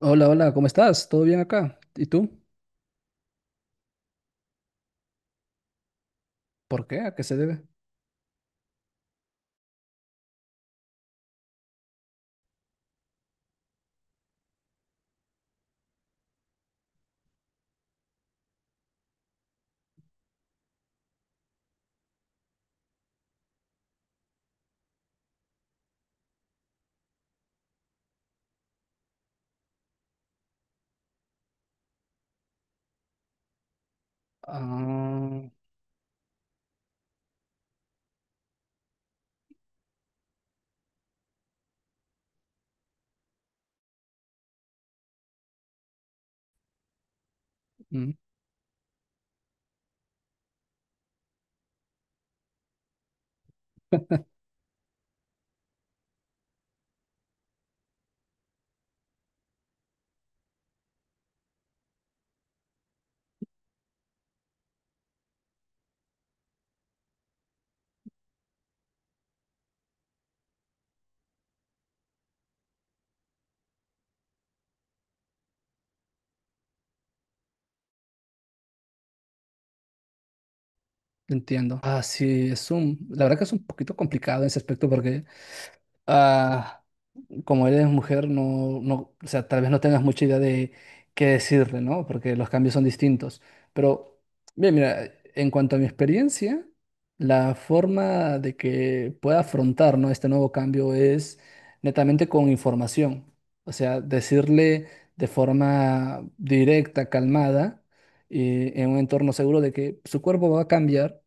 Hola, hola, ¿cómo estás? ¿Todo bien acá? ¿Y tú? ¿Por qué? ¿A qué se debe? Ah, mm, entiendo. Ah, sí, la verdad que es un poquito complicado en ese aspecto porque ah, como eres mujer, no, no, o sea, tal vez no tengas mucha idea de qué decirle, ¿no? Porque los cambios son distintos. Pero, bien, mira, en cuanto a mi experiencia, la forma de que pueda afrontar, ¿no?, este nuevo cambio es netamente con información. O sea, decirle de forma directa, calmada, y en un entorno seguro de que su cuerpo va a cambiar.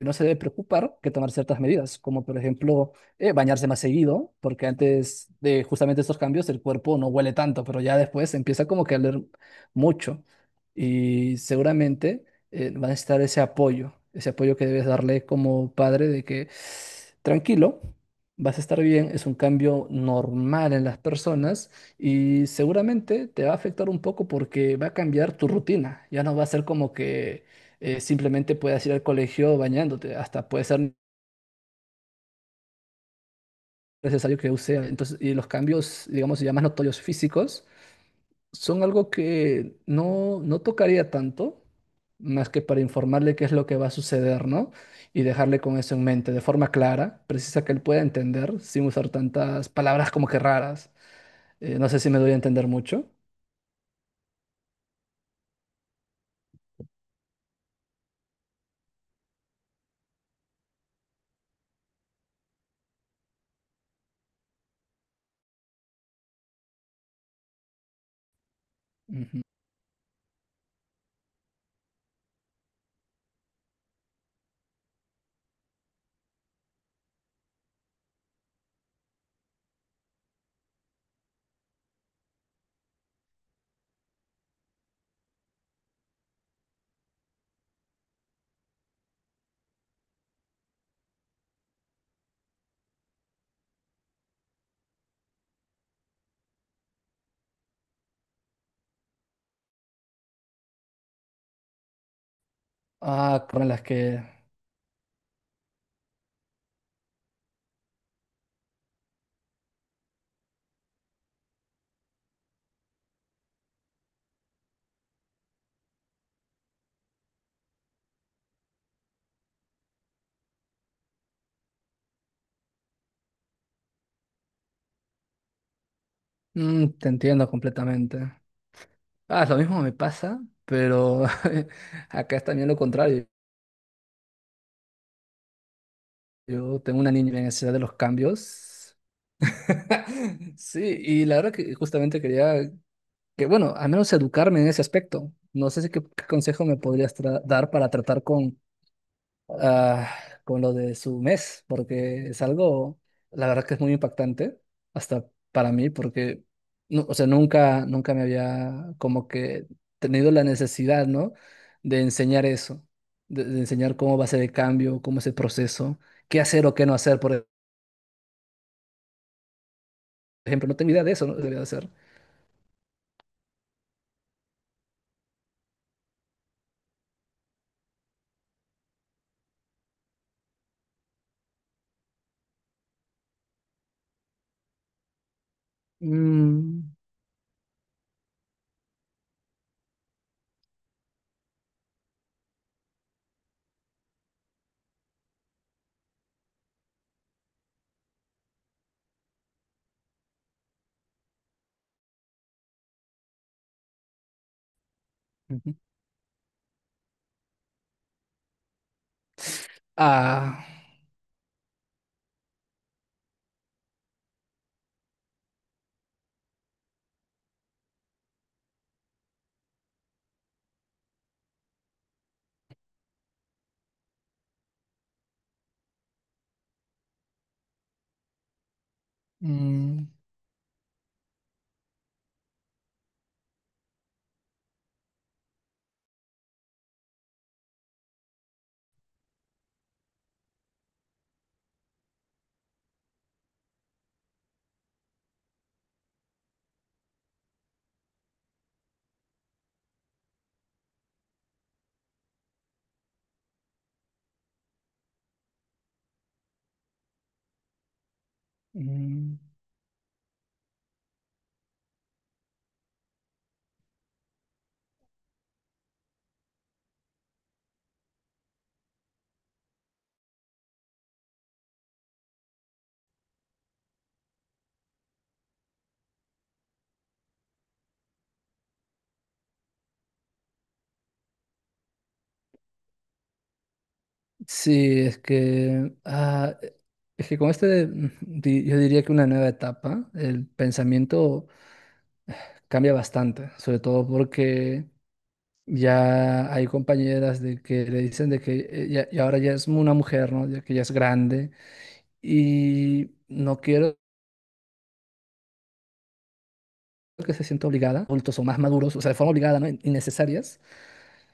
No se debe preocupar, que tomar ciertas medidas, como por ejemplo bañarse más seguido, porque antes de justamente estos cambios el cuerpo no huele tanto, pero ya después empieza como que a oler mucho, y seguramente va a necesitar ese apoyo que debes darle como padre de que tranquilo. Vas a estar bien, es un cambio normal en las personas y seguramente te va a afectar un poco porque va a cambiar tu rutina. Ya no va a ser como que simplemente puedas ir al colegio bañándote, hasta puede ser necesario que use. Entonces, y los cambios, digamos, ya más notorios físicos, son algo que no, no tocaría tanto, más que para informarle qué es lo que va a suceder, ¿no? Y dejarle con eso en mente, de forma clara, precisa, que él pueda entender, sin usar tantas palabras como que raras. No sé si me doy a entender mucho. Ujú. Ah, con las que... Mm, te entiendo completamente. Ah, lo mismo me pasa, pero acá es también lo contrario. Yo tengo una niña en necesidad de los cambios. Sí, y la verdad que justamente quería que, bueno, al menos educarme en ese aspecto. No sé si qué, qué consejo me podrías dar para tratar con ah, con lo de su mes, porque es algo, la verdad que es muy impactante, hasta para mí, porque, no, o sea, nunca, nunca me había como que tenido la necesidad, ¿no? De enseñar eso, de enseñar cómo va a ser el cambio, cómo es el proceso, qué hacer o qué no hacer, por ejemplo, no tengo idea de eso, ¿no? Debería de hacer. Mm, ujú. Ah, mm, mm. Sí, es que, es que con este, mm, yo diría que una nueva etapa, el pensamiento cambia bastante, sobre todo porque ya hay compañeras de que le dicen de que ya, y ahora ya es una mujer, ¿no? Ya que ya es grande, y no quiero que se sienta obligada, adultos o más maduros, o sea, de forma obligada, ¿no? Innecesarias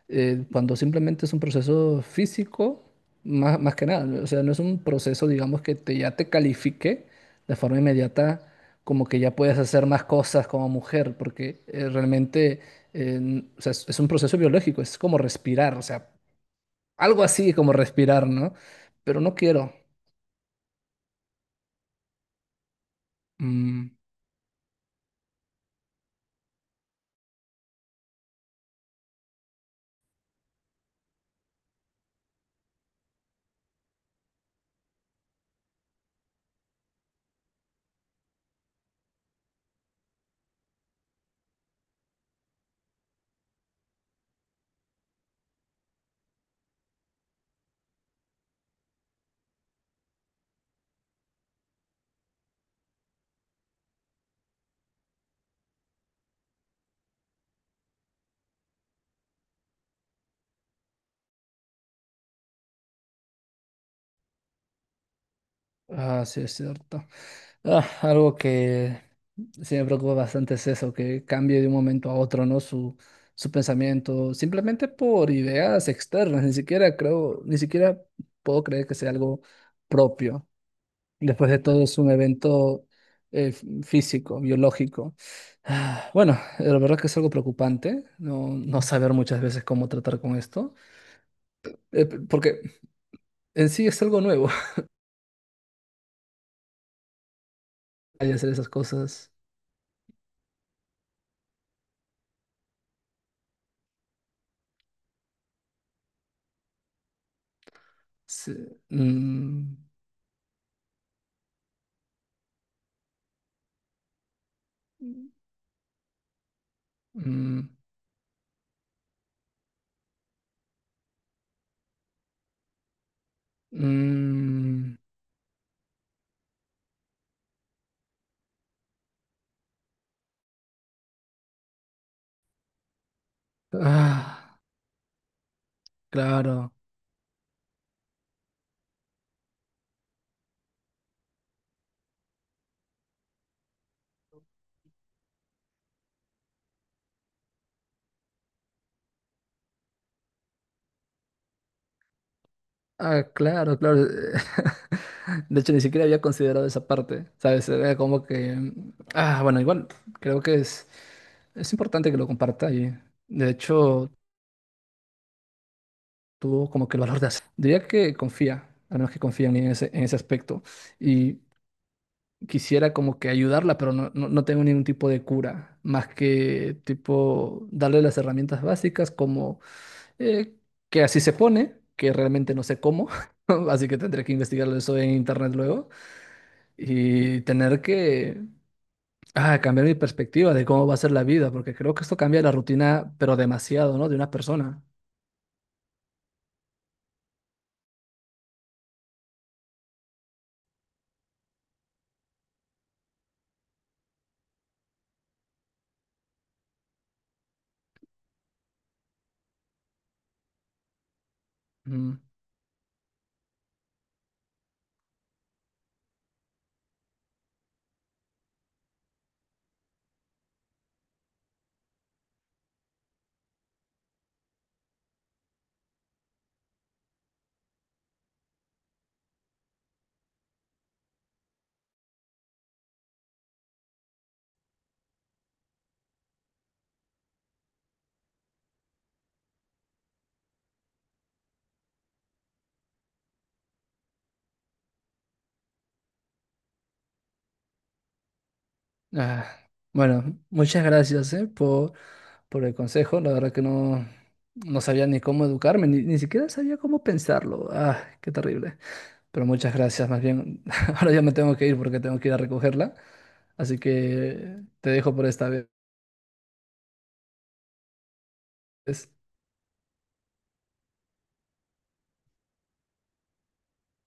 cuando simplemente es un proceso físico, más, más que nada, o sea, no es un proceso, digamos, que te, ya te califique de forma inmediata como que ya puedes hacer más cosas como mujer, porque realmente o sea, es un proceso biológico, es como respirar, o sea, algo así como respirar, ¿no? Pero no quiero. Mm, ah, sí, es cierto. Ah, algo que sí me preocupa bastante es eso, que cambie de un momento a otro, ¿no? Su pensamiento, simplemente por ideas externas, ni siquiera creo, ni siquiera puedo creer que sea algo propio. Después de todo es un evento físico, biológico. Ah, bueno, la verdad que es algo preocupante, no, no saber muchas veces cómo tratar con esto, porque en sí es algo nuevo. Hay hacer esas cosas. Sí, mm, mm. Mm, ah, claro. Ah, claro, claro. De hecho, ni siquiera había considerado esa parte, ¿sabes? Era como que... mm, ah, bueno, igual creo que es importante que lo comparta, y de hecho tuvo como que el valor de hacer. Diría que confía, al menos que confía en mí en ese aspecto, y quisiera como que ayudarla, pero no, no, no tengo ningún tipo de cura, más que tipo darle las herramientas básicas como... eh, que así se pone, que realmente no sé cómo, así que tendré que investigarlo eso en internet luego, y tener que cambiar mi perspectiva de cómo va a ser la vida, porque creo que esto cambia la rutina, pero demasiado, ¿no?, de una persona. Mm. Ah, bueno, muchas gracias, por el consejo. La verdad que no, no sabía ni cómo educarme, ni, ni siquiera sabía cómo pensarlo. Ah, qué terrible. Pero muchas gracias, más bien. Ahora ya me tengo que ir porque tengo que ir a recogerla. Así que te dejo por esta vez.